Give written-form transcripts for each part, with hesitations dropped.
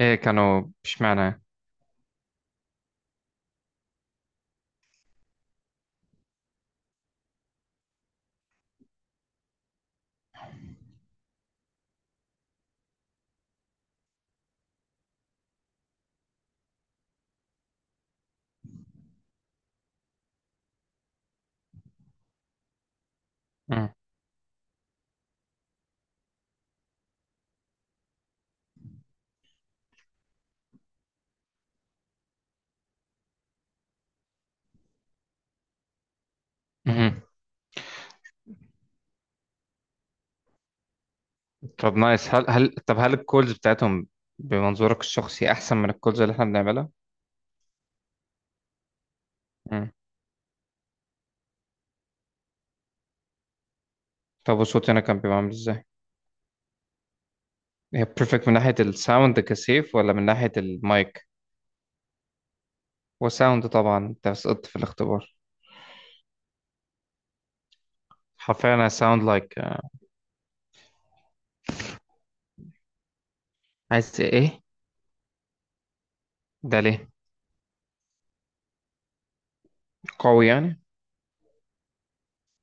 ايه كانوا؟ اشمعنى؟ مم. مهم. طب نايس. هل الكولز بتاعتهم بمنظورك الشخصي احسن من الكولز اللي احنا بنعملها؟ مم. طب وصوتي انا كان بيبقى عامل ازاي؟ هي بيرفكت من ناحية الساوند كسيف ولا من ناحية المايك وساوند؟ طبعا انت سقطت في الاختبار. حرفيا انا ساوند لايك. عايز ايه؟ ده ليه؟ قوي يعني؟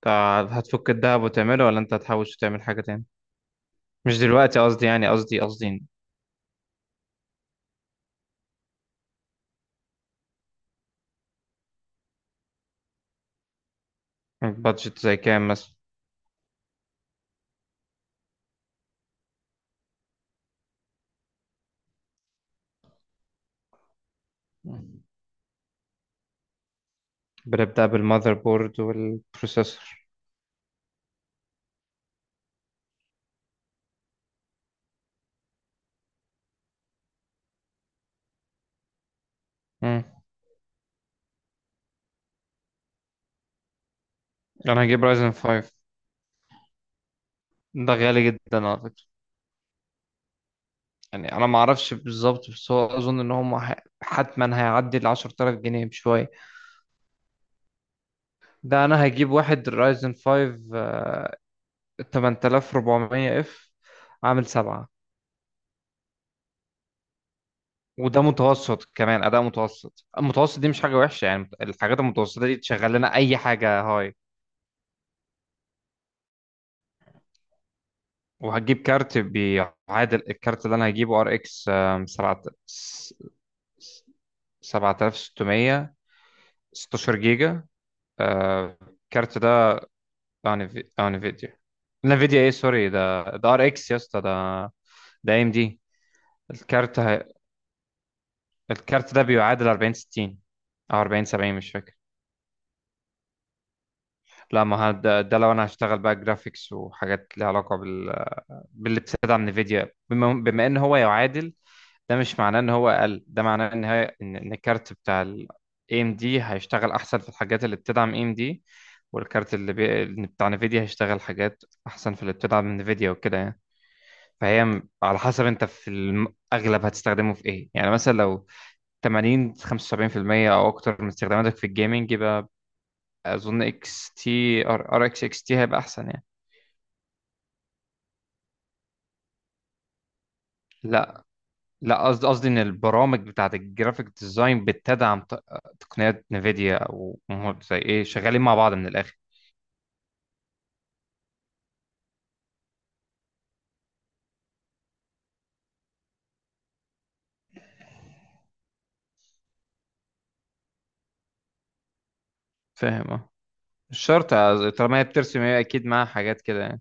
طب هتفك الدهب وتعمله ولا انت هتحوش تعمل حاجة تاني؟ مش دلوقتي قصدي، يعني قصدي. بادجت زي كام مثلا؟ بنبدأ بالمذر بورد والبروسيسور. مم. انا هجيب رايزن 5. ده غالي جدا على فكرة. يعني انا ما اعرفش بالظبط بس هو اظن ان هم حتما هيعدي ال 10000 جنيه بشوية. ده انا هجيب واحد رايزن 5 8400 اف، عامل 7. وده متوسط، كمان اداء متوسط. المتوسط دي مش حاجة وحشة يعني، الحاجات المتوسطة دي تشغل لنا اي حاجة هاي. وهجيب كارت بيعادل الكارت اللي انا هجيبه، RX 7 7600، 16 جيجا. آه، الكارت ده بتاع بتاع نفيديا. نفيديا ايه سوري، ده ار اكس يا اسطى، ده ده AMD. الكارت الكارت ده بيعادل 40 60 او 40 70 مش فاكر. لا، ما هو ده لو انا هشتغل بقى جرافيكس وحاجات ليها علاقة بال، باللي بتدعم من نفيديا. بما ان هو يعادل، ده مش معناه ان هو اقل، ده معناه ان الكارت بتاع ال AMD هيشتغل احسن في الحاجات اللي بتدعم AMD، والكارت اللي اللي بتاع نفيديا هيشتغل حاجات احسن في اللي بتدعم من نفيديا وكده يعني. فهي على حسب انت في الاغلب هتستخدمه في ايه، يعني مثلا لو 80 75% او اكتر من استخداماتك في الجيمنج يبقى اظن اكس تي، ار اكس اكس تي، هيبقى احسن يعني. لا لا قصدي، ان البرامج بتاعت الجرافيك ديزاين بتدعم تقنيات نفيديا، او زي ايه، شغالين مع بعض من الاخر. فاهم اه. مش شرط، طالما هي بترسم هي اكيد معاها حاجات كده يعني.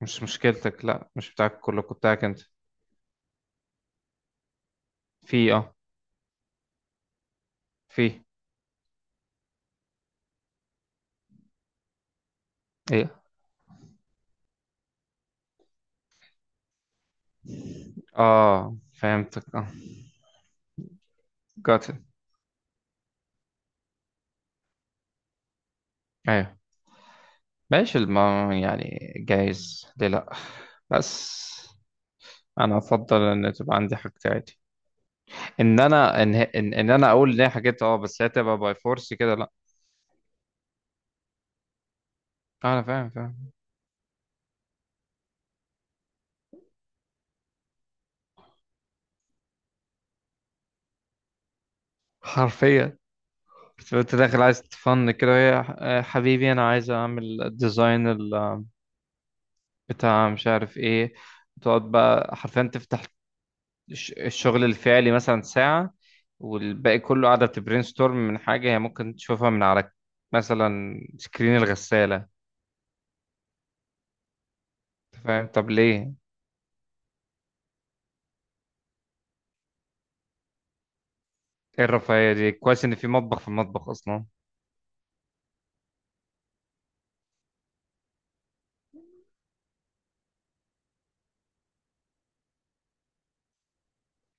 مش مشكلتك. لا مش بتاعك كلكم، بتاعك انت. في اه. في ايه؟ اه فهمتك اه. got it. ايوه. ماشي يعني جايز، ليه لا. بس انا افضل ان تبقى عندي حاجتي عادي، ان انا اقول ان هي حاجات اه، بس هي تبقى باي فورس كده لا. انا فاهم فاهم. حرفيا. بس انت داخل عايز تفن كده وهي: حبيبي انا عايز اعمل الديزاين بتاع مش عارف ايه. تقعد بقى حرفيا تفتح الشغل الفعلي مثلا ساعة، والباقي كله قاعدة بتبرين ستورم من حاجة هي ممكن تشوفها من على، مثلا، سكرين الغسالة. أنت فاهم؟ طب ليه؟ ايه الرفاهية دي! كويس ان في مطبخ، في المطبخ اصلا.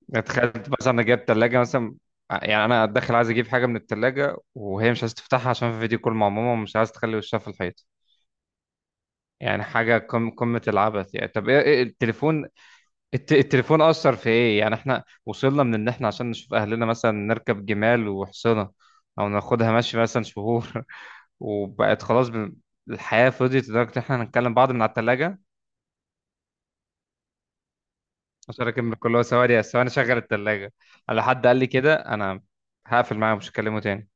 يعني تخيل، مثلا انا جايب تلاجة مثلا، يعني انا داخل عايز اجيب حاجة من التلاجة وهي مش عايز تفتحها عشان في فيديو كول مع ماما، ومش عايز تخلي وشها في الحيط. يعني حاجة قمة العبث يعني. طب ايه، التليفون؟ التليفون أثر في ايه، يعني احنا وصلنا من ان احنا عشان نشوف اهلنا مثلا نركب جمال وحصنة، او ناخدها ماشي مثلا شهور، وبقت خلاص الحياة فضيت لدرجة ان احنا هنتكلم بعض من على التلاجة. عشان اكمل كل، هو ثواني ثواني شغل التلاجة. على حد قال لي كده، انا هقفل معاه مش هكلمه تاني.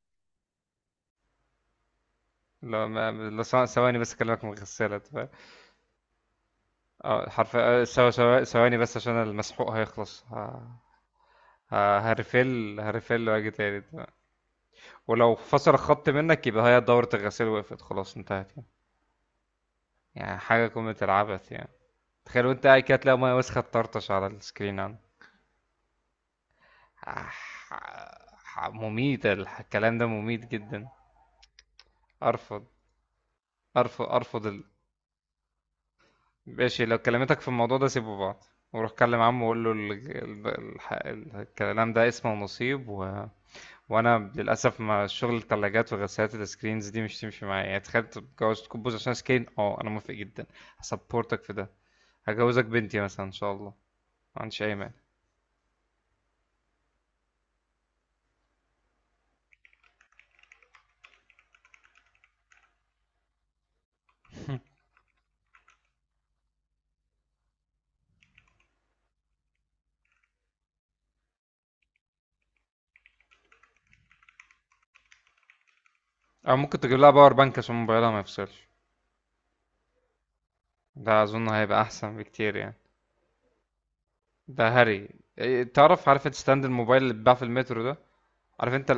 لا ما لا، ثواني بس اكلمك من الغسالة، انت فاهم؟ اه، حرفيا ثواني بس عشان المسحوق هيخلص، هرفل هرفل واجي تاني. أنت فاهم؟ ولو فصل الخط منك يبقى هي دورة الغسيل وقفت، خلاص انتهت يعني. يعني حاجة قمة العبث يعني. تخيل وانت قاعد كده تلاقي مية وسخة تطرطش على السكرين عندك. آه، مميت، الكلام ده مميت جدا. ارفض، ارفض، ارفض. ماشي لو كلمتك في الموضوع ده سيبوا بعض، وروح كلم عمه وقول له الكلام ده اسمه نصيب و وانا للاسف، ما شغل الثلاجات وغسالات السكرينز دي مش تمشي معايا يعني. تخيل تتجوز تكبوز عشان سكرين، اه انا موافق جدا، هسبورتك في ده، هجوزك بنتي مثلا ان شاء الله، ما عنديش اي مانع. او ممكن تجيب لها باور بانك عشان موبايلها ما يفصلش، ده اظن هيبقى احسن بكتير يعني. ده هري. تعرف، عارف انت ستاند الموبايل اللي بيتباع في المترو ده؟ عارف انت؟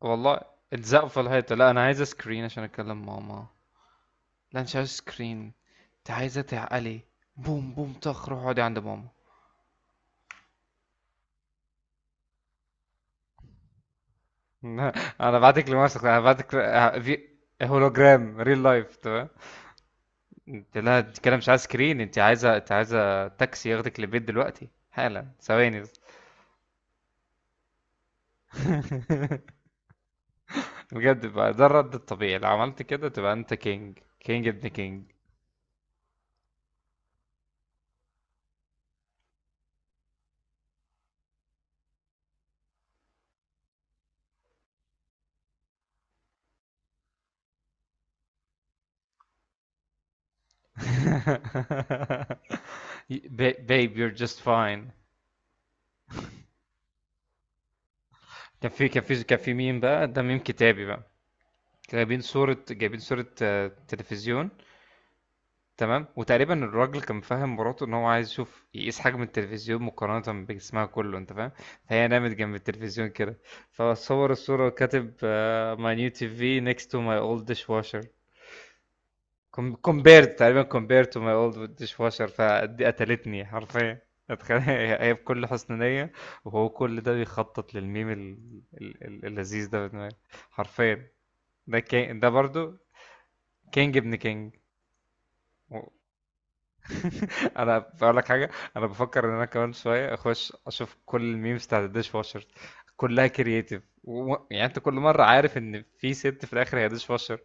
والله! اتزقوا في الحيطة، لا أنا عايزة سكرين عشان أكلم ماما. لا مش عايز سكرين، أنت عايزة تعقلي. بوم بوم طخ، روح اقعدي عند ماما. أنا بعتك لمسك، أنا بعتك في هولوجرام ريل لايف تمام. أنت، لا أنت كده مش عايز سكرين، أنت عايزة تاكسي ياخدك للبيت دلوقتي حالا. ثواني بس. بجد بقى ده الرد الطبيعي، لو عملت كده تبقى أنت كينج، كينج ابن كينج. Babe you're just fine. كان في ميم بقى، ده ميم كتابي بقى. جايبين صورة، تلفزيون. تمام، وتقريبا الراجل كان فاهم مراته ان هو عايز يقيس حجم التلفزيون مقارنة بجسمها كله، انت فاهم؟ فهي نامت جنب التلفزيون كده، فصور الصورة وكاتب: ماي نيو TV next to my old dishwasher. Compared to my old dishwasher. فدي قتلتني حرفيا. اتخيل، هي بكل حسن نية، وهو كل ده بيخطط للميم اللذيذ ده في دماغي. حرفيا، ده كين، ده برضو كينج ابن كينج. و- انا بقول لك حاجه. انا بفكر ان انا كمان شويه اخش اشوف كل الميمز بتاعت الديش واشر، كلها كرييتيف يعني انت كل مره عارف ان في ست في الاخر هي ديش واشر،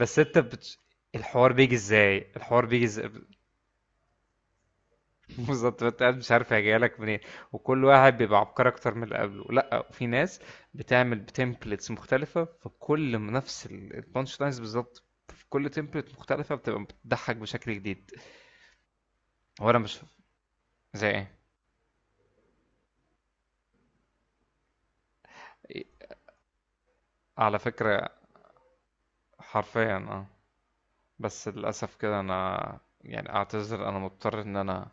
بس انت الحوار بيجي ازاي، الحوار بيجي ازاي. بالظبط انت قاعد مش عارف هي جايه لك منين، وكل واحد بيبقى عبقري اكتر من اللي قبله. لا، وفي ناس بتعمل بتمبلتس مختلفه، في كل نفس البانش لاينز بالظبط، في كل تمبلت مختلفه بتبقى بتضحك بشكل جديد. هو انا مش زي ايه. إيه، على فكرة، حرفيا اه. بس للأسف كده انا يعني اعتذر، انا مضطر ان انا